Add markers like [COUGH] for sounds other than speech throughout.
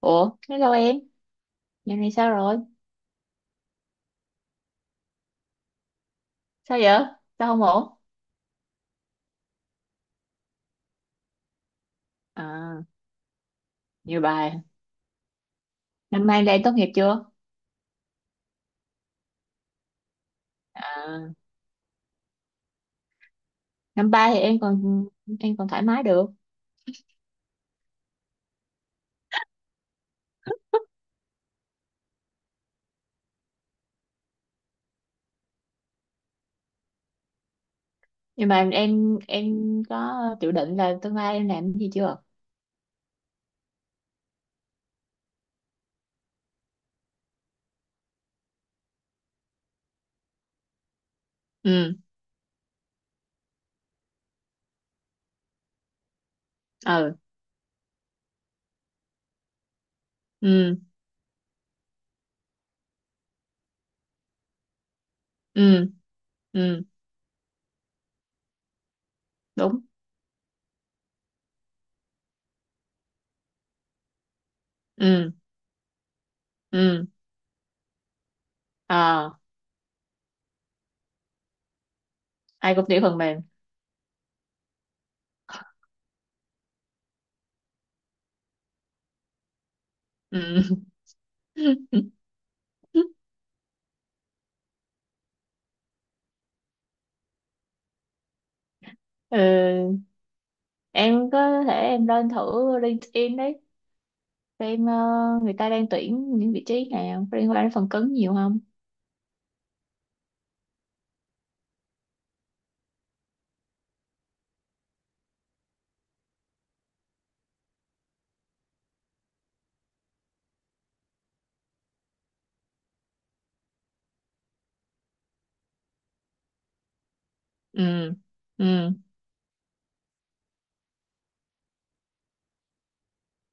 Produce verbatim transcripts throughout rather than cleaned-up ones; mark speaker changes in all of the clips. Speaker 1: Ủa, hello em, giờ này sao rồi? Sao vậy? Sao không ổn? À, nhiều bài. Năm nay là em tốt nghiệp chưa? À, năm ba thì em còn em còn thoải mái được. Nhưng mà em em có dự định là tương lai em làm cái gì chưa? Ừ, ừ, ừ, ừ, ừ, đúng, ừ, ừ, à, ai cũng tiểu phần mềm. Ừ. [LAUGHS] Ừ. Em có thể em lên thử LinkedIn đấy, xem ờ, người ta đang tuyển những vị trí nào liên quan đến phần cứng nhiều không? Ừ, ừ,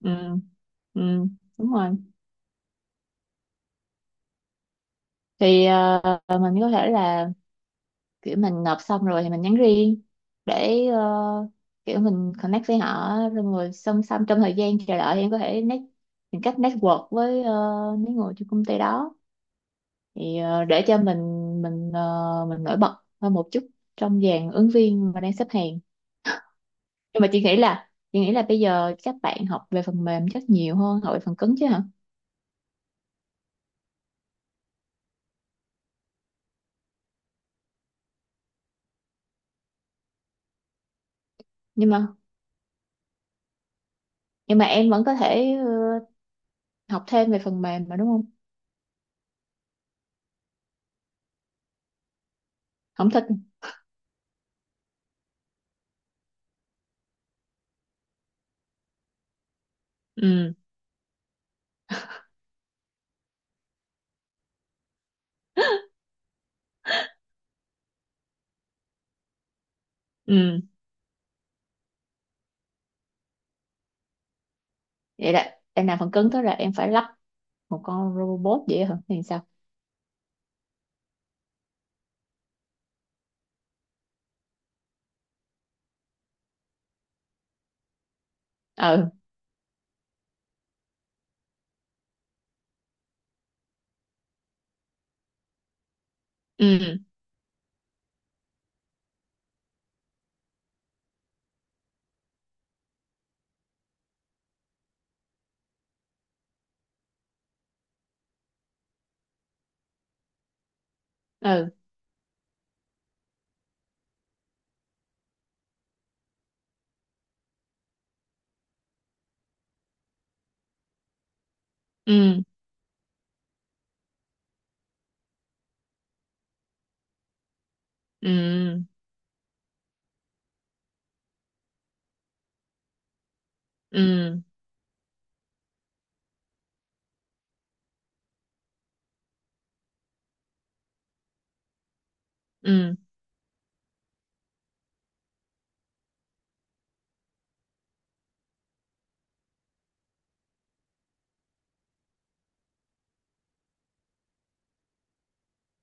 Speaker 1: ừ, ừ, đúng rồi. Thì ờ, mình có thể là kiểu mình nộp xong rồi thì mình nhắn riêng, để ờ, kiểu mình connect với họ, rồi ngồi song song trong thời gian chờ đợi thì em có thể net, tìm cách network với ờ, mấy người trong công ty đó, thì ờ, để cho mình mình ờ, mình nổi bật hơn một chút trong dàn ứng viên mà đang xếp hàng. Nhưng mà chị nghĩ là chị nghĩ là bây giờ các bạn học về phần mềm chắc nhiều hơn học về phần cứng chứ hả? Nhưng mà nhưng mà em vẫn có thể ờ, học thêm về phần mềm mà đúng không? Không thích? Ừ, ừ. Vậy là em làm phần cứng tới là em phải lắp một con robot vậy hả? Thì sao? Ừ, ừ, ừ, ừ, ừ, ừ, ừ,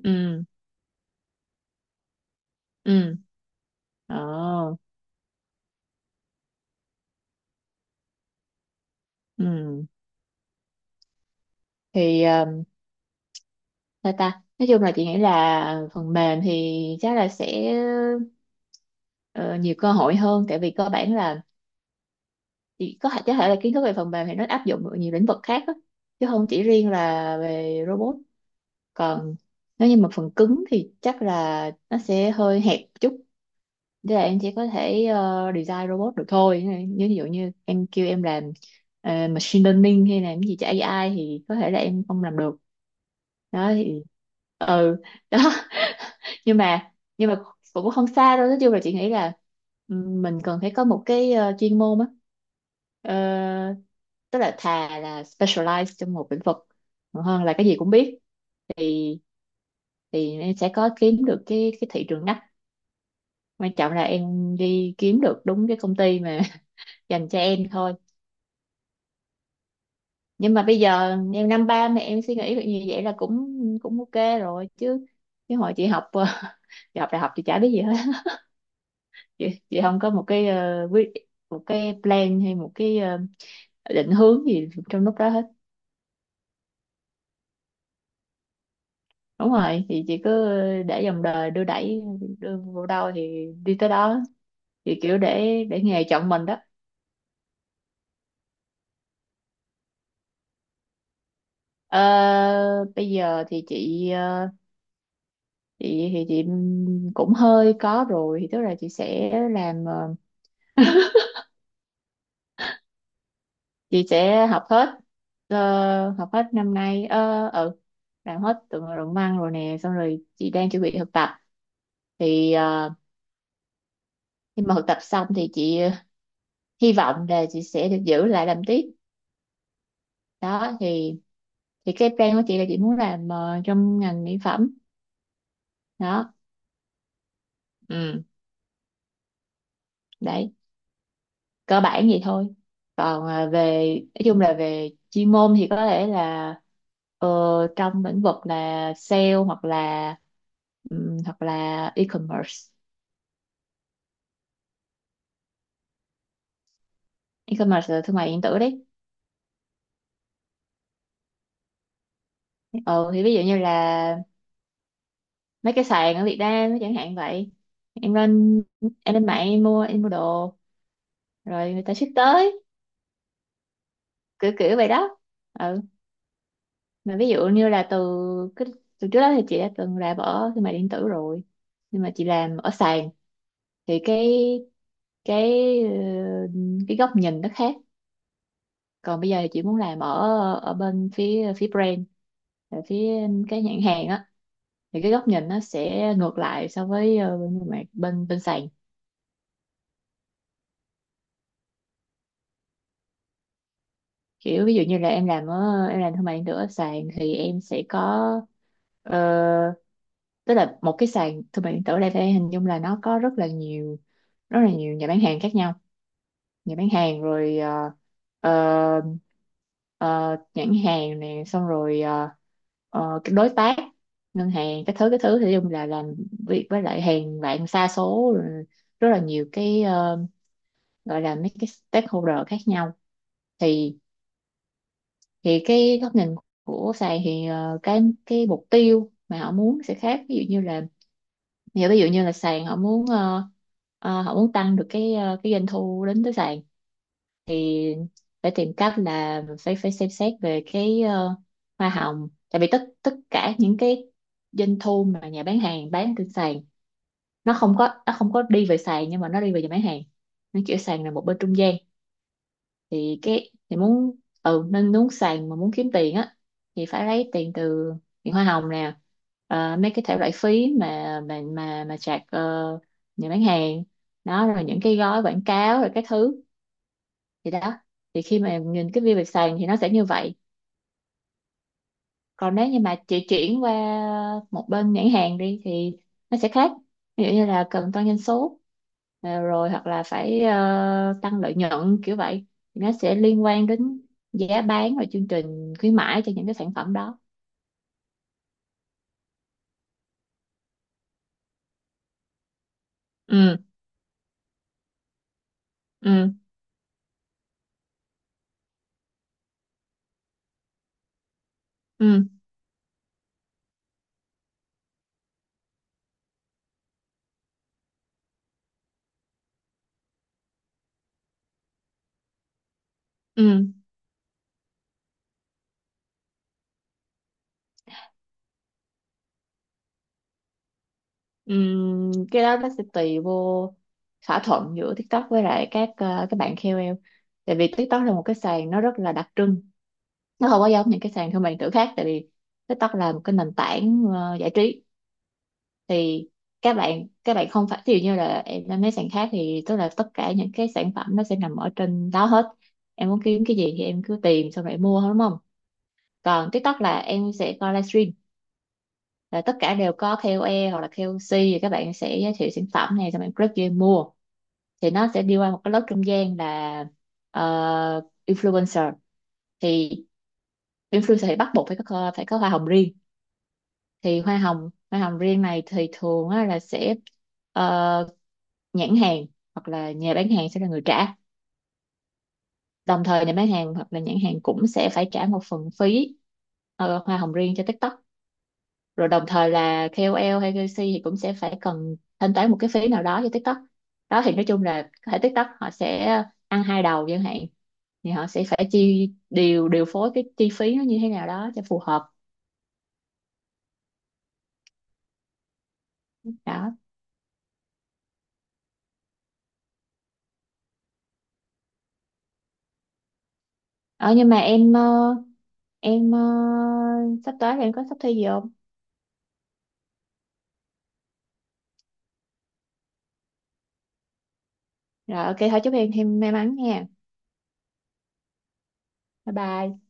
Speaker 1: ừ, ừ, ờ, ừ. Thì ờ, sao ta, nói chung là chị nghĩ là phần mềm thì chắc là sẽ ờ, nhiều cơ hội hơn, tại vì cơ bản là, thì có thể có thể là kiến thức về phần mềm thì nó áp dụng ở nhiều lĩnh vực khác á, chứ không chỉ riêng là về robot. Còn nếu như mà phần cứng thì chắc là nó sẽ hơi hẹp một chút, thế là em chỉ có thể ờ, design robot được thôi, như ví dụ như em kêu em làm ờ, machine learning hay làm cái gì cho a i thì có thể là em không làm được. Đó thì, ừ, đó. Nhưng mà nhưng mà cũng không xa đâu, nói chung là chị nghĩ là ừm, mình cần phải có một cái ờ, chuyên môn á. Ờ, tức là thà là specialize trong một lĩnh vực còn hơn là cái gì cũng biết, thì thì em sẽ có kiếm được cái cái thị trường ngách, quan trọng là em đi kiếm được đúng cái công ty mà [LAUGHS] dành cho em thôi. Nhưng mà bây giờ em năm ba mà em suy nghĩ được như vậy là cũng cũng ok rồi chứ, chứ hồi chị học [LAUGHS] chị học đại học chị chả biết gì hết. Chị chị không có một cái ờ, quyết một cái plan hay một cái ờ, định hướng gì trong lúc đó hết. Đúng rồi, thì chị cứ để dòng đời đưa đẩy, đưa vô đâu thì đi tới đó, thì kiểu để để nghề chọn mình đó. Ờ, bây giờ thì chị ờ, chị thì chị cũng hơi có rồi, thì tức là chị sẽ làm ờ, chị sẽ học hết ờ, học hết năm nay, ờ ừ làm hết từ ngữ luận văn rồi nè, xong rồi chị đang chuẩn bị thực tập. Thì ờ, khi mà học tập xong thì chị ờ, hy vọng là chị sẽ được giữ lại làm tiếp, đó thì thì cái plan của chị là chị muốn làm ờ, trong ngành mỹ phẩm. Đó. Ừ. Đấy. Cơ bản vậy thôi. Còn ờ, về, nói chung là về chuyên môn thì có thể là ờ, trong lĩnh vực là sale, hoặc là ừm, hoặc là e-commerce. E-commerce là thương mại điện tử đấy. ờ thì ví dụ như là mấy cái sàn ở Việt Nam chẳng hạn vậy, em lên em lên mạng em mua em mua đồ, rồi người ta ship tới, kiểu kiểu vậy đó. Ừ. Mà ví dụ như là từ cái từ trước đó thì chị đã từng làm ở thương mại điện tử rồi, nhưng mà chị làm ở sàn, thì cái cái ờ, cái góc nhìn nó khác. Còn bây giờ thì chị muốn làm ở ở bên phía phía brand, ở phía cái nhãn hàng á, thì cái góc nhìn nó sẽ ngược lại so với ờ, bên bên bên bên sàn. Kiểu ví dụ như là em làm ở em làm thương mại điện tử ở sàn thì em sẽ có ờ, tức là một cái sàn thương mại điện tử ở đây phải hình dung là nó có rất là nhiều rất là nhiều nhà bán hàng khác nhau. Nhà bán hàng, rồi ờ, ờ, ờ, nhãn hàng nè, xong rồi ờ, ờ, cái đối tác, ngân hàng, cái thứ cái thứ thì dùng là làm việc với lại hàng vạn sa số, rồi rất là nhiều cái ờ, gọi là mấy cái stakeholder khác nhau. Thì thì cái góc nhìn của sàn thì ờ, cái cái mục tiêu mà họ muốn sẽ khác, ví dụ như là nghĩa ví dụ như là sàn họ muốn ờ, ờ, họ muốn tăng được cái ờ, cái doanh thu đến tới sàn, thì phải tìm cách là phải phải xem xét về cái ờ, hoa hồng, tại vì tất tất cả những cái doanh thu mà nhà bán hàng bán trên sàn nó không có nó không có đi về sàn, nhưng mà nó đi về nhà bán hàng, nó kiểu sàn là một bên trung gian. Thì cái thì muốn, ừ nên muốn sàn mà muốn kiếm tiền á, thì phải lấy tiền từ tiền hoa hồng nè, ờ, mấy cái thể loại phí mà mà mà mà chạc ờ, nhà bán hàng đó, rồi những cái gói quảng cáo rồi các thứ. Thì đó, thì khi mà nhìn cái view về sàn thì nó sẽ như vậy. Còn nếu như mà chị chuyển qua một bên nhãn hàng đi thì nó sẽ khác, ví dụ như là cần tăng doanh số, ờ, rồi hoặc là phải ờ, tăng lợi nhuận kiểu vậy. Thì nó sẽ liên quan đến giá bán và chương trình khuyến mãi cho những cái sản phẩm đó. Ừ, ừ, ừ, ừ, ừ. Cái đó nó sẽ tùy vô thỏa thuận giữa TikTok với lại các ờ, các bạn kây âu eo, tại vì TikTok là một cái sàn nó rất là đặc trưng, nó không có giống những cái sàn thương mại điện tử khác, tại vì TikTok là một cái nền tảng ờ, giải trí. Thì các bạn các bạn không phải, ví dụ như là em lên mấy sàn khác thì tức là tất cả những cái sản phẩm nó sẽ nằm ở trên đó hết, em muốn kiếm cái gì thì em cứ tìm xong rồi em mua thôi đúng không? Còn TikTok là em sẽ coi livestream, là tất cả đều có kây âu eo hoặc là ca o xê, thì các bạn sẽ giới thiệu sản phẩm này xong em click vô em mua, thì nó sẽ đi qua một cái lớp trung gian là ờ, influencer thì influencer thì bắt buộc phải có phải có hoa hồng riêng. Thì hoa hồng hoa hồng riêng này thì thường á, là sẽ ờ, nhãn hàng hoặc là nhà bán hàng sẽ là người trả. Đồng thời nhà bán hàng hoặc là nhãn hàng cũng sẽ phải trả một phần phí ờ, hoa hồng riêng cho TikTok, rồi đồng thời là kây âu eo hay kây xi thì cũng sẽ phải cần thanh toán một cái phí nào đó cho TikTok. Đó thì nói chung là hệ TikTok họ sẽ ăn hai đầu chẳng hạn, thì họ sẽ phải chi điều điều phối cái chi phí nó như thế nào đó cho phù hợp. Đó, ờ, nhưng mà em ờ, em ờ, sắp tới thì em có sắp thi gì không? Rồi ok thôi, chúc em thêm may mắn nha. Bye bye.